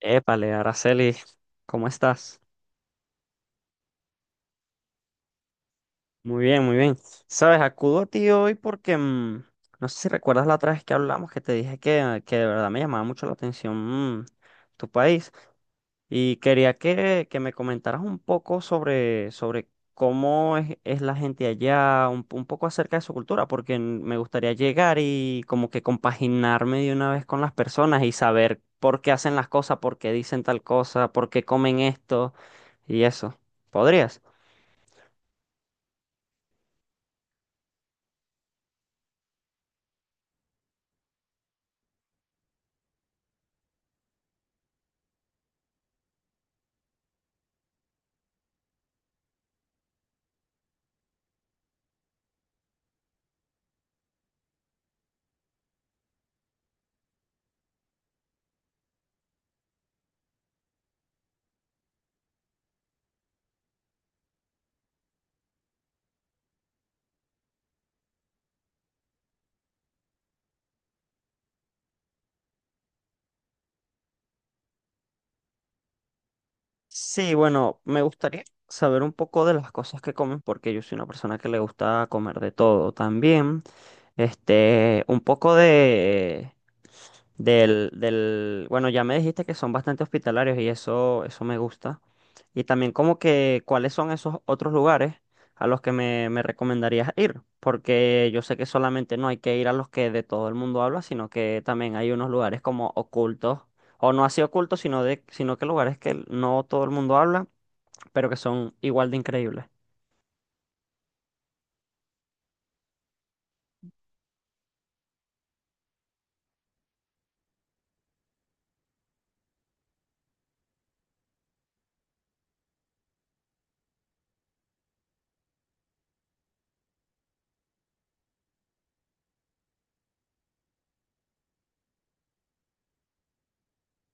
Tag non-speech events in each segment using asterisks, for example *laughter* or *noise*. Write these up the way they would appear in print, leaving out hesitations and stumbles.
Épale, Araceli, ¿cómo estás? Muy bien, muy bien. Sabes, acudo a ti hoy porque no sé si recuerdas la otra vez que hablamos que te dije que de verdad me llamaba mucho la atención tu país. Y quería que me comentaras un poco sobre cómo es la gente allá, un poco acerca de su cultura, porque me gustaría llegar y como que compaginarme de una vez con las personas y saber por qué hacen las cosas, por qué dicen tal cosa, por qué comen esto y eso. ¿Podrías? Sí, bueno, me gustaría saber un poco de las cosas que comen, porque yo soy una persona que le gusta comer de todo también. Este, un poco bueno, ya me dijiste que son bastante hospitalarios y eso me gusta. Y también como que cuáles son esos otros lugares a los que me recomendarías ir, porque yo sé que solamente no hay que ir a los que de todo el mundo habla, sino que también hay unos lugares como ocultos, o no así ocultos, sino que lugares que no todo el mundo habla, pero que son igual de increíbles.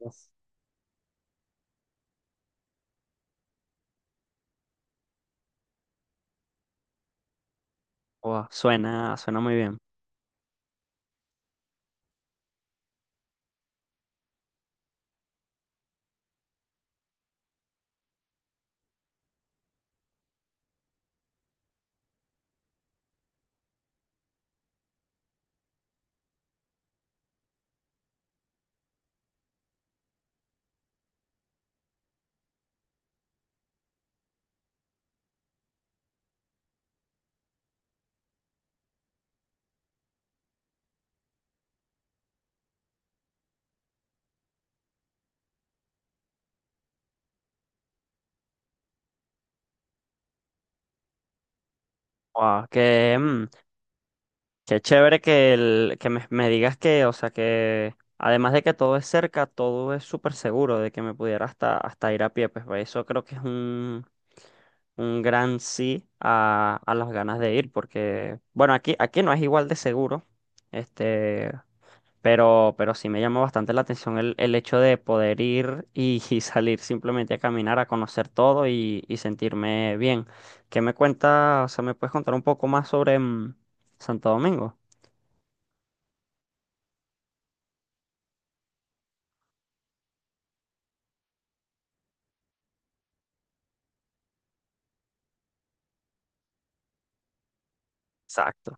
Uf. Guau, suena, suena muy bien. Guau, qué chévere que me digas que, o sea, que además de que todo es cerca, todo es súper seguro de que me pudiera hasta, hasta ir a pie. Eso creo que es un gran sí a las ganas de ir, porque, bueno, aquí, aquí no es igual de seguro, este, pero sí me llamó bastante la atención el hecho de poder ir y, *laughs* y salir simplemente a caminar, a conocer todo y sentirme bien. ¿Qué me cuenta, o sea, me puedes contar un poco más sobre Santo Domingo? Exacto,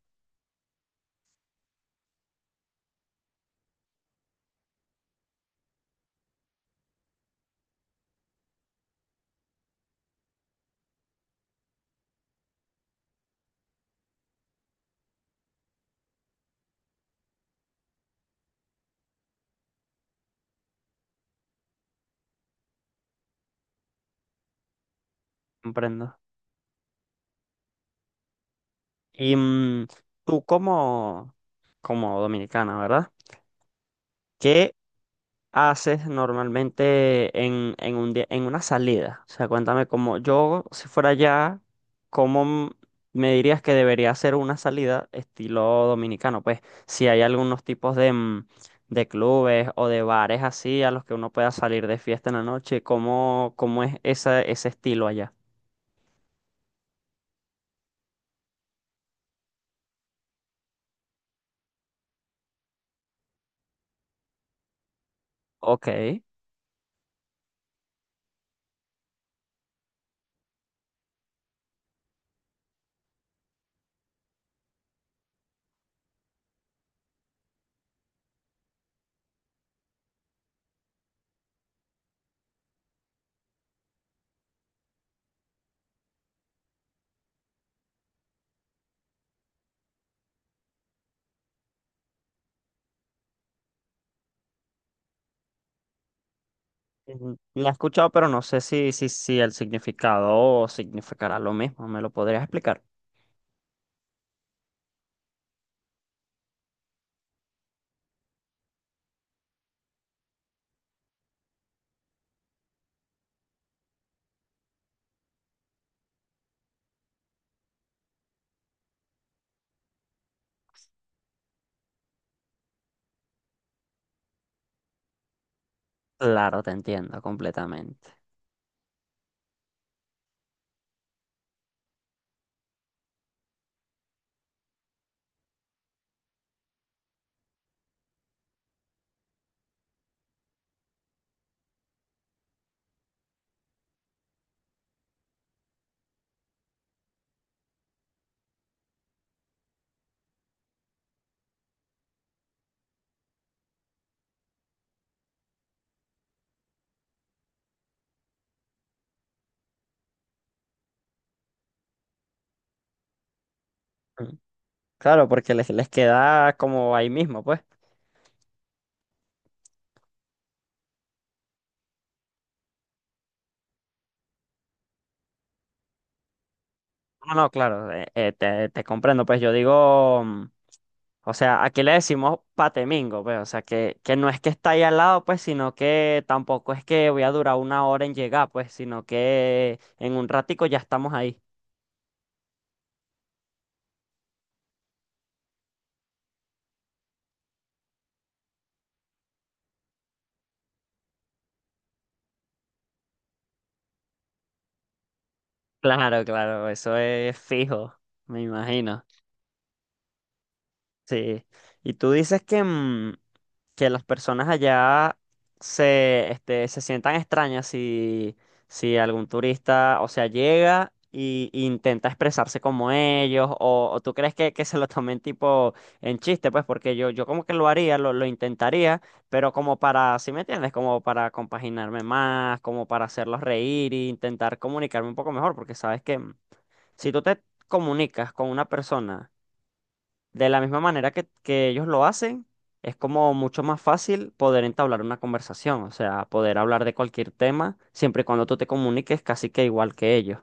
comprendo. Y tú como, como dominicana, ¿verdad? ¿Qué haces normalmente en, en una salida? O sea, cuéntame cómo yo, si fuera allá, ¿cómo m- me dirías que debería ser una salida estilo dominicano? Pues si hay algunos tipos de clubes o de bares así a los que uno pueda salir de fiesta en la noche, ¿cómo, cómo es ese estilo allá? Ok. La he escuchado, pero no sé si el significado significará lo mismo. ¿Me lo podrías explicar? Claro, te entiendo completamente. Mm. Claro, porque les queda como ahí mismo, pues. No, no, claro, te, te comprendo. Pues yo digo, o sea, aquí le decimos patemingo, pues. O sea, que no es que está ahí al lado, pues, sino que tampoco es que voy a durar una hora en llegar, pues, sino que en un ratico ya estamos ahí. Claro, claro, eso es fijo, me imagino. Sí, y tú dices que, que las personas allá se, este, se sientan extrañas si, si algún turista, o sea, llega y intenta expresarse como ellos, o tú crees que se lo tomen tipo en chiste, pues porque yo como que lo haría, lo intentaría, pero como para, ¿sí me entiendes? Como para compaginarme más, como para hacerlos reír e intentar comunicarme un poco mejor, porque sabes que si tú te comunicas con una persona, de la misma manera que ellos lo hacen, es como mucho más fácil poder entablar una conversación, o sea, poder hablar de cualquier tema, siempre y cuando tú te comuniques casi que igual que ellos.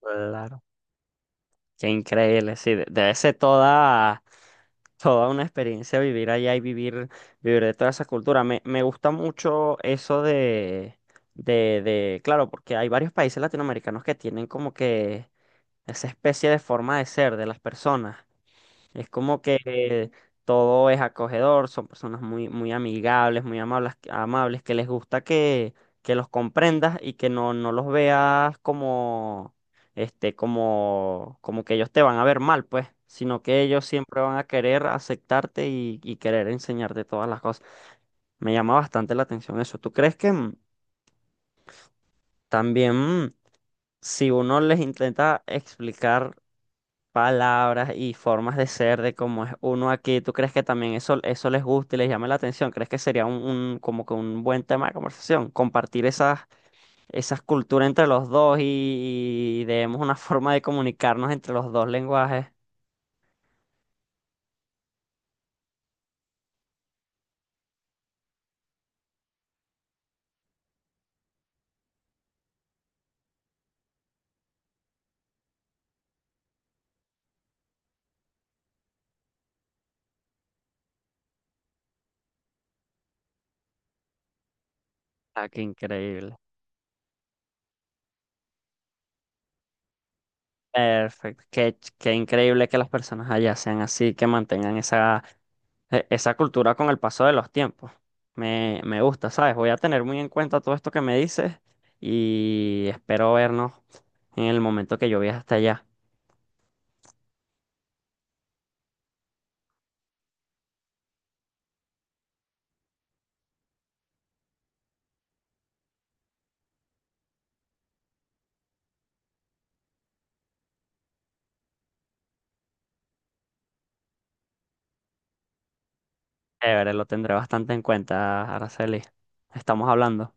Claro. Qué increíble, sí, debe ser toda, toda una experiencia vivir allá y vivir, vivir de toda esa cultura. Me gusta mucho eso claro, porque hay varios países latinoamericanos que tienen como que esa especie de forma de ser de las personas. Es como que todo es acogedor, son personas muy, muy amigables, muy amables, amables, que les gusta que los comprendas y que no, no los veas como, este, como, como que ellos te van a ver mal, pues, sino que ellos siempre van a querer aceptarte y querer enseñarte todas las cosas. Me llama bastante la atención eso. ¿Tú crees que también mm, si uno les intenta explicar palabras y formas de ser de cómo es uno aquí? ¿Tú crees que también eso les gusta y les llama la atención? ¿Crees que sería un, como que un buen tema de conversación? Compartir esas, esas culturas entre los dos y demos una *laughs* forma de comunicarnos entre los dos lenguajes. Ah, qué increíble. Perfecto. Qué increíble que las personas allá sean así, que mantengan esa. Esa cultura con el paso de los tiempos. Me gusta, ¿sabes? Voy a tener muy en cuenta todo esto que me dices y espero vernos en el momento que yo viaje hasta allá. Chévere, lo tendré bastante en cuenta, Araceli. Estamos hablando.